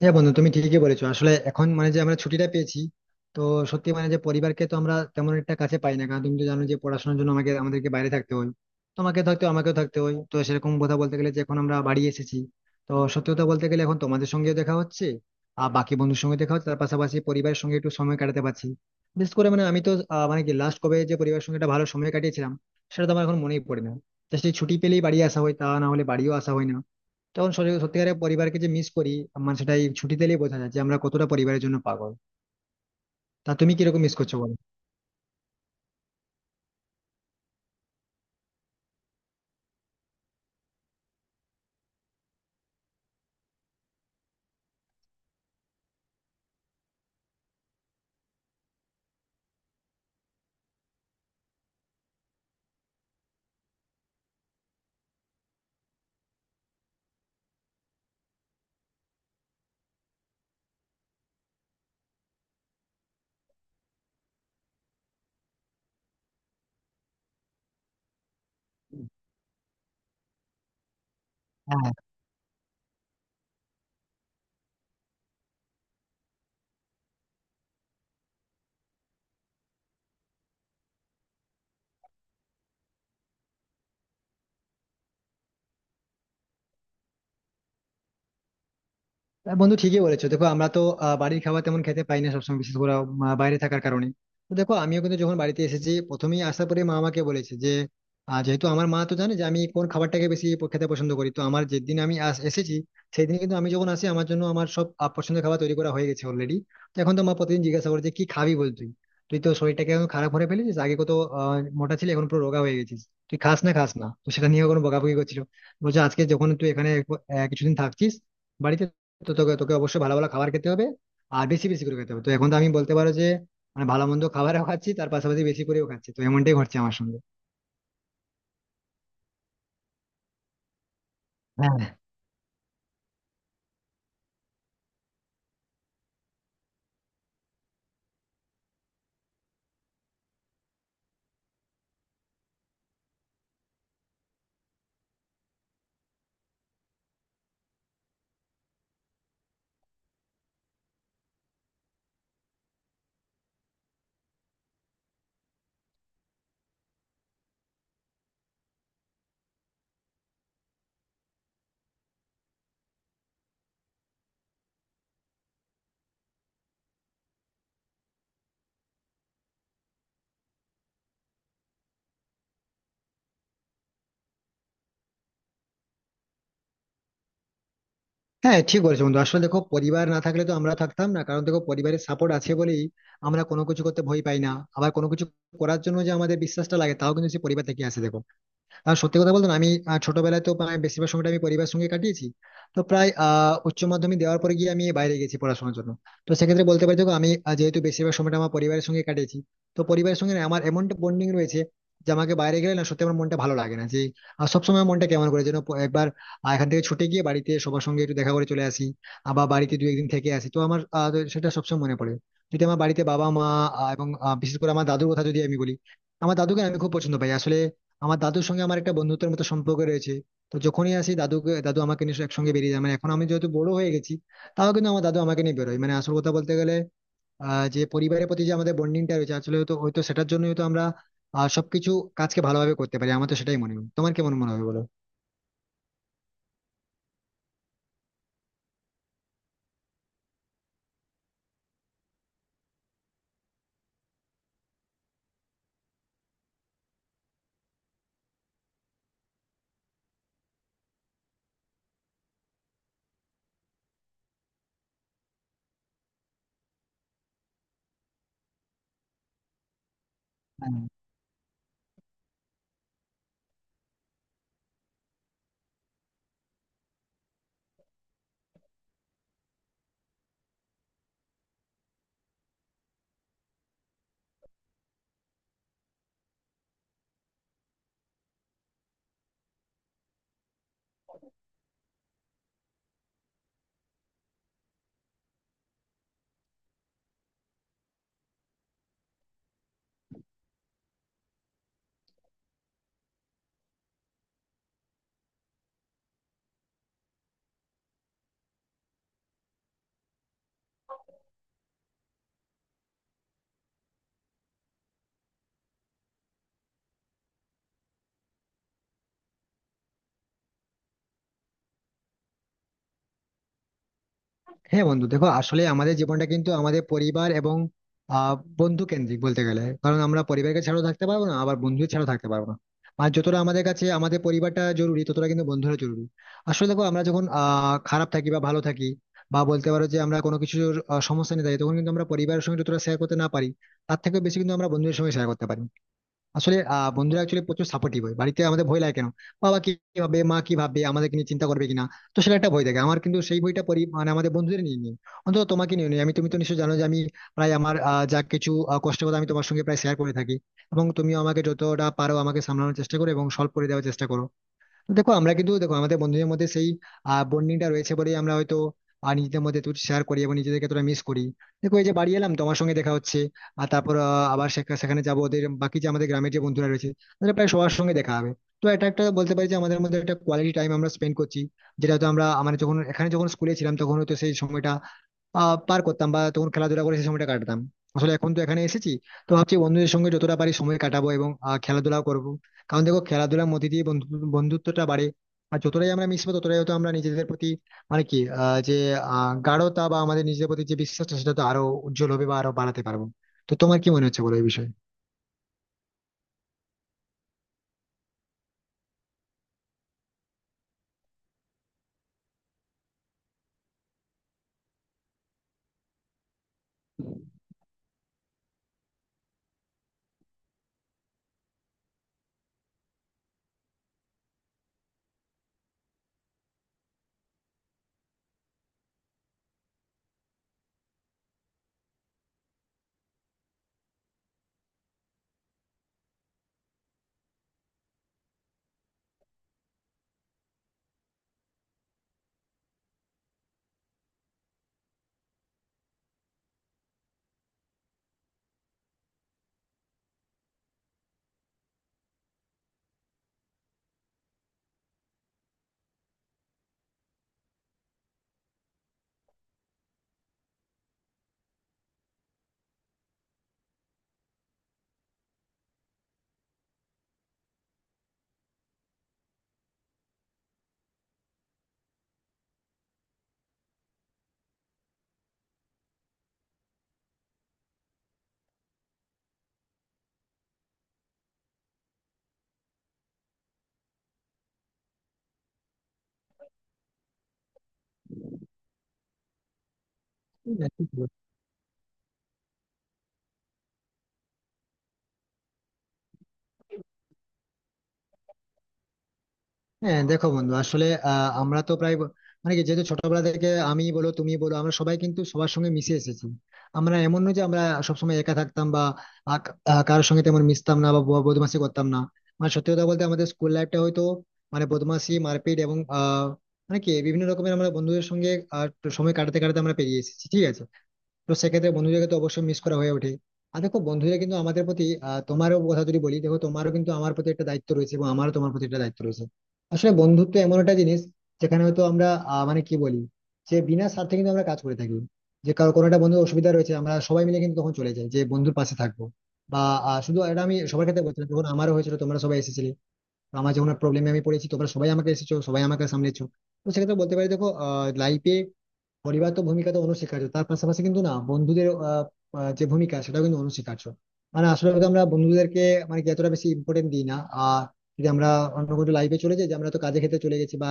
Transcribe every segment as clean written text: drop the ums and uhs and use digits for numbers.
হ্যাঁ বন্ধু, তুমি ঠিকই বলেছো। আসলে এখন মানে যে আমরা ছুটিটা পেয়েছি, তো সত্যি মানে যে পরিবারকে তো আমরা তেমন একটা কাছে পাই না, কারণ তুমি তো জানো যে পড়াশোনার জন্য আমাদেরকে বাইরে থাকতে হয়। তোমাকে থাকতে হয়, আমাকেও থাকতে হয়। তো সেরকম কথা বলতে গেলে যে এখন আমরা বাড়ি এসেছি। তো সত্যি কথা বলতে গেলে এখন তোমাদের সঙ্গেও দেখা হচ্ছে, আর বাকি বন্ধুর সঙ্গে দেখা হচ্ছে, তার পাশাপাশি পরিবারের সঙ্গে একটু সময় কাটাতে পারছি। বিশেষ করে মানে আমি তো মানে কি, লাস্ট কবে যে পরিবারের সঙ্গে একটা ভালো সময় কাটিয়েছিলাম সেটা তো আমার এখন মনেই পড়ে না। তো সেই ছুটি পেলেই বাড়ি আসা হয়, তা না হলে বাড়িও আসা হয় না। তখন সত্যি সত্যিকারের পরিবারকে যে মিস করি আমার, সেটাই ছুটি দিলেই বোঝা যায় যে আমরা কতটা পরিবারের জন্য পাগল। তা তুমি কিরকম মিস করছো বলো। হ্যাঁ বন্ধু, ঠিকই বলেছো। দেখো আমরা তো বাড়ির খাবার তেমন খেতে পাই না সবসময়, বিশেষ করে বাইরে থাকার কারণে। তো দেখো আমিও কিন্তু যখন বাড়িতে এসেছি প্রথমেই আসার পরে মা আমাকে বলেছে যে যেহেতু আমার মা তো জানে যে আমি কোন খাবারটাকে বেশি খেতে পছন্দ করি, তো আমার যেদিন আমি এসেছি, সেই দিন কিন্তু আমি যখন আসি আমার জন্য আমার সব পছন্দের খাবার তৈরি করা হয়ে গেছে অলরেডি। তো এখন তো মা প্রতিদিন জিজ্ঞাসা করে যে কি খাবি বল তুই। তুই তো শরীরটাকে এখন খারাপ করে ফেলেছিস, আগে কত আহ, মোটা ছিলি, এখন পুরো রোগা হয়ে গেছিস। তুই খাস না খাস না, তো সেটা নিয়ে কোনো বকাবকি করছিল। বলছে আজকে যখন তুই এখানে কিছুদিন থাকছিস বাড়িতে, তো তোকে তোকে অবশ্যই ভালো ভালো খাবার খেতে হবে, আর বেশি বেশি করে খেতে হবে। তো এখন তো আমি বলতে পারো যে মানে ভালো মন্দ খাবারও খাচ্ছি, তার পাশাপাশি বেশি করেও খাচ্ছি। তো এমনটাই ঘটছে আমার সঙ্গে। হ্যাঁ, হ্যাঁ, ঠিক বলেছো বন্ধু। আসলে দেখো পরিবার না থাকলে তো আমরা থাকতাম না, কারণ দেখো পরিবারের সাপোর্ট আছে বলেই আমরা কোনো কিছু করতে ভয় পাই না। আবার কোনো কিছু করার জন্য যে আমাদের বিশ্বাসটা লাগে, তাও কিন্তু সেই পরিবার থেকে আসে দেখো। আর সত্যি কথা বলতে না, আমি ছোটবেলায় তো প্রায় বেশিরভাগ সময়টা আমি পরিবারের সঙ্গে কাটিয়েছি। তো প্রায় উচ্চ মাধ্যমিক দেওয়ার পরে গিয়ে আমি বাইরে গেছি পড়াশোনার জন্য। তো সেক্ষেত্রে বলতে পারি দেখো আমি যেহেতু বেশিরভাগ সময়টা আমার পরিবারের সঙ্গে কাটিয়েছি, তো পরিবারের সঙ্গে না আমার এমন বন্ডিং রয়েছে যে আমাকে বাইরে গেলে না, সত্যি আমার মনটা ভালো লাগে না যে সবসময় আমার মনটা কেমন করে যেন, একবার এখান থেকে ছুটে গিয়ে বাড়িতে সবার সঙ্গে একটু দেখা করে চলে আসি, আবার বাড়িতে দু একদিন থেকে আসি। তো আমার তো সেটা সবসময় মনে পড়ে যদি আমার বাড়িতে বাবা মা এবং বিশেষ করে আমার দাদুর কথা যদি আমি বলি। আমার দাদুকে না আমি খুব পছন্দ পাই আসলে। আমার দাদুর সঙ্গে আমার একটা বন্ধুত্বের মতো সম্পর্ক রয়েছে। তো যখনই আসি দাদুকে, দাদু আমাকে নিয়ে একসঙ্গে বেরিয়ে যায়, মানে এখন আমি যেহেতু বড় হয়ে গেছি, তাও কিন্তু আমার দাদু আমাকে নিয়ে বেরোয়। মানে আসল কথা বলতে গেলে যে পরিবারের প্রতি যে আমাদের বন্ডিংটা রয়েছে, আসলে হয়তো হয়তো সেটার জন্যই হয়তো আমরা সবকিছু কাজকে ভালোভাবে করতে পারি। আমার তো সেটাই মনে হয়, তোমার কেমন মনে হবে বলো। হ্যাঁ। হ্যাঁ বন্ধু, দেখো আসলে আমাদের জীবনটা কিন্তু আমাদের পরিবার এবং আহ বন্ধু কেন্দ্রিক বলতে গেলে, কারণ আমরা পরিবারকে ছাড়াও থাকতে পারবো না, আবার বন্ধু ছাড়াও থাকতে পারবো না। আর যতটা আমাদের কাছে আমাদের পরিবারটা জরুরি, ততটা কিন্তু বন্ধুরা জরুরি। আসলে দেখো আমরা যখন খারাপ থাকি বা ভালো থাকি, বা বলতে পারো যে আমরা কোনো কিছুর সমস্যা নিয়ে থাকি, তখন কিন্তু আমরা পরিবারের সঙ্গে যতটা শেয়ার করতে না পারি, তার থেকেও বেশি কিন্তু আমরা বন্ধুদের সঙ্গে শেয়ার করতে পারি। আসলে বন্ধুরা অ্যাকচুয়ালি প্রচুর সাপোর্টিভ হয়। বাড়িতে আমাদের ভয় লাগে কেন, বাবা কি ভাবে মা কি ভাবে আমাদেরকে নিয়ে চিন্তা করবে কিনা, তো সেটা একটা ভয় থাকে আমার। কিন্তু সেই বইটা পড়ি মানে আমাদের বন্ধুদের নিয়ে নিই, অন্তত তোমাকে নিয়ে নিই আমি। তুমি তো নিশ্চয়ই জানো যে আমি প্রায় আমার যা কিছু কষ্টের কথা আমি তোমার সঙ্গে প্রায় শেয়ার করে থাকি। এবং তুমিও আমাকে যতটা পারো আমাকে সামলানোর চেষ্টা করো এবং সলভ করে দেওয়ার চেষ্টা করো। দেখো আমরা কিন্তু, দেখো আমাদের বন্ধুদের মধ্যে সেই বন্ডিংটা রয়েছে বলেই আমরা হয়তো নিজেদের মধ্যে একটু শেয়ার করি এবং নিজেদেরকে তোরা মিস করি। দেখো এই যে বাড়ি এলাম তোমার সঙ্গে দেখা হচ্ছে, আর তারপর আবার সেখানে যাবো, ওদের বাকি যে আমাদের গ্রামের যে বন্ধুরা রয়েছে তাদের প্রায় সবার সঙ্গে দেখা হবে। তো এটা একটা বলতে পারি যে আমাদের মধ্যে একটা কোয়ালিটি টাইম আমরা স্পেন্ড করছি, যেটা হয়তো আমরা আমরা যখন এখানে যখন স্কুলে ছিলাম, তখন হয়তো সেই সময়টা পার করতাম বা তখন খেলাধুলা করে সেই সময়টা কাটাতাম। আসলে এখন তো এখানে এসেছি, তো ভাবছি বন্ধুদের সঙ্গে যতটা পারি সময় কাটাবো এবং খেলাধুলাও করবো। কারণ দেখো খেলাধুলার মধ্যে দিয়ে বন্ধুত্বটা বাড়ে। আর যতটাই আমরা মিশবো, ততটাই হয়তো আমরা নিজেদের প্রতি মানে কি যে গাঢ়তা বা আমাদের নিজেদের প্রতি যে বিশ্বাসটা, সেটা তো আরো উজ্জ্বল হবে বা আরো বাড়াতে পারবো। তো তোমার কি মনে হচ্ছে বলো এই বিষয়ে। হ্যাঁ দেখো বন্ধু, আসলে আমরা তো প্রায় মানে কি, যেহেতু ছোটবেলা থেকে আমি বলো তুমি বলো আমরা সবাই কিন্তু সবার সঙ্গে মিশে এসেছি। আমরা এমন নয় যে আমরা সবসময় একা থাকতাম বা কারোর সঙ্গে তেমন মিশতাম না বা বদমাশি করতাম না। মানে সত্যি কথা বলতে আমাদের স্কুল লাইফটা হয়তো মানে বদমাশি মারপিট এবং মানে কি বিভিন্ন রকমের আমরা বন্ধুদের সঙ্গে আহ, সময় কাটাতে কাটাতে আমরা পেরিয়ে এসেছি, ঠিক আছে। তো সেক্ষেত্রে বন্ধুদেরকে তো অবশ্যই মিস করা হয়ে ওঠে। আর দেখো বন্ধুরা কিন্তু আমাদের প্রতি তোমারও কথা যদি বলি, দেখো তোমারও কিন্তু আমার প্রতি একটা দায়িত্ব রয়েছে এবং আমারও তোমার প্রতি একটা দায়িত্ব রয়েছে। আসলে বন্ধুত্ব এমন একটা জিনিস যেখানে হয়তো আমরা মানে কি বলি, যে বিনা স্বার্থে কিন্তু আমরা কাজ করে থাকি। যে কারো কোনো একটা বন্ধুর অসুবিধা রয়েছে, আমরা সবাই মিলে কিন্তু তখন চলে যাই যে বন্ধুর পাশে থাকবো। বা শুধু এটা আমি সবার ক্ষেত্রে বলছিলাম, যখন আমারও হয়েছিল তোমরা সবাই এসেছিলে। তো আমার যখন প্রবলেমে আমি পড়েছি, তোমরা সবাই আমাকে এসেছো, সবাই আমাকে সামলেছো। তো সেক্ষেত্রে বলতে পারি দেখো লাইফে পরিবার তো ভূমিকা তো অনস্বীকার্য, তার পাশাপাশি কিন্তু না বন্ধুদের আহ, আহ, যে ভূমিকা, সেটা কিন্তু অনস্বীকার্য। মানে আসলে হয়তো আমরা বন্ধুদেরকে মানে কি এতটা বেশি ইম্পর্টেন্ট দিই না। আর যদি আমরা অন্য কোনো লাইফে চলে যাই, যে আমরা তো কাজে ক্ষেত্রে চলে গেছি বা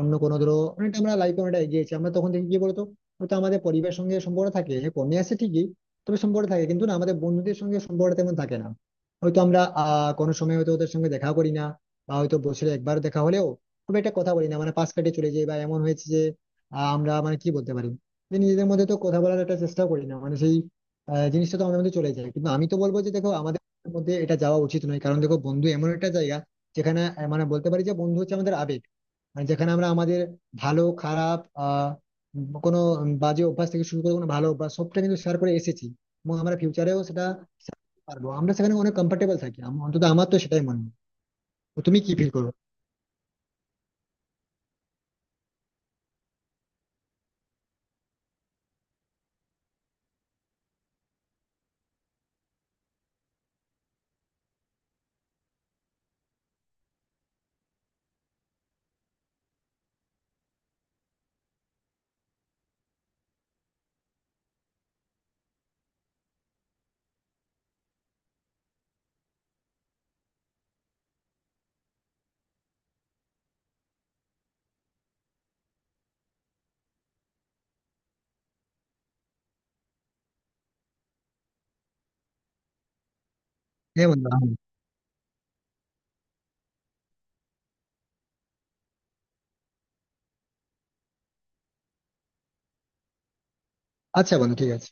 অন্য কোনো ধরো, অনেকটা আমরা লাইফে অনেকটা এগিয়েছি, আমরা তখন দেখি কি বলতো হয়তো আমাদের পরিবারের সঙ্গে সম্পর্ক থাকে, হ্যাঁ, কমে আসে ঠিকই, তবে সম্পর্ক থাকে, কিন্তু না আমাদের বন্ধুদের সঙ্গে সম্পর্ক তেমন থাকে না। হয়তো আমরা কোনো সময় হয়তো ওদের সঙ্গে দেখা করি না, বা হয়তো বছরে একবার দেখা হলেও খুব একটা কথা বলি না, মানে পাশ কাটিয়ে চলে যাই, বা এমন হয়েছে আমরা মানে কি বলতে পারি যে নিজেদের মধ্যে তো কথা বলার একটা চেষ্টা করি না, মানে সেই জিনিসটা তো আমাদের মধ্যে চলে যায়। কিন্তু আমি তো বলবো যে দেখো আমাদের মধ্যে এটা যাওয়া উচিত নয়, কারণ দেখো বন্ধু এমন একটা জায়গা যেখানে মানে বলতে পারি যে বন্ধু হচ্ছে আমাদের আবেগ। মানে যেখানে আমরা আমাদের ভালো খারাপ কোনো বাজে অভ্যাস থেকে শুরু করে কোনো ভালো অভ্যাস সবটা কিন্তু শেয়ার করে এসেছি। এবং আমরা ফিউচারেও সেটা share করতে পারবো। আমরা সেখানে অনেক কমফোর্টেবল থাকি, অন্তত আমার তো সেটাই মনে হয়। তো তুমি কি ফিল করো। হ্যাঁ বন্ধু, আচ্ছা বন্ধু, ঠিক আছে।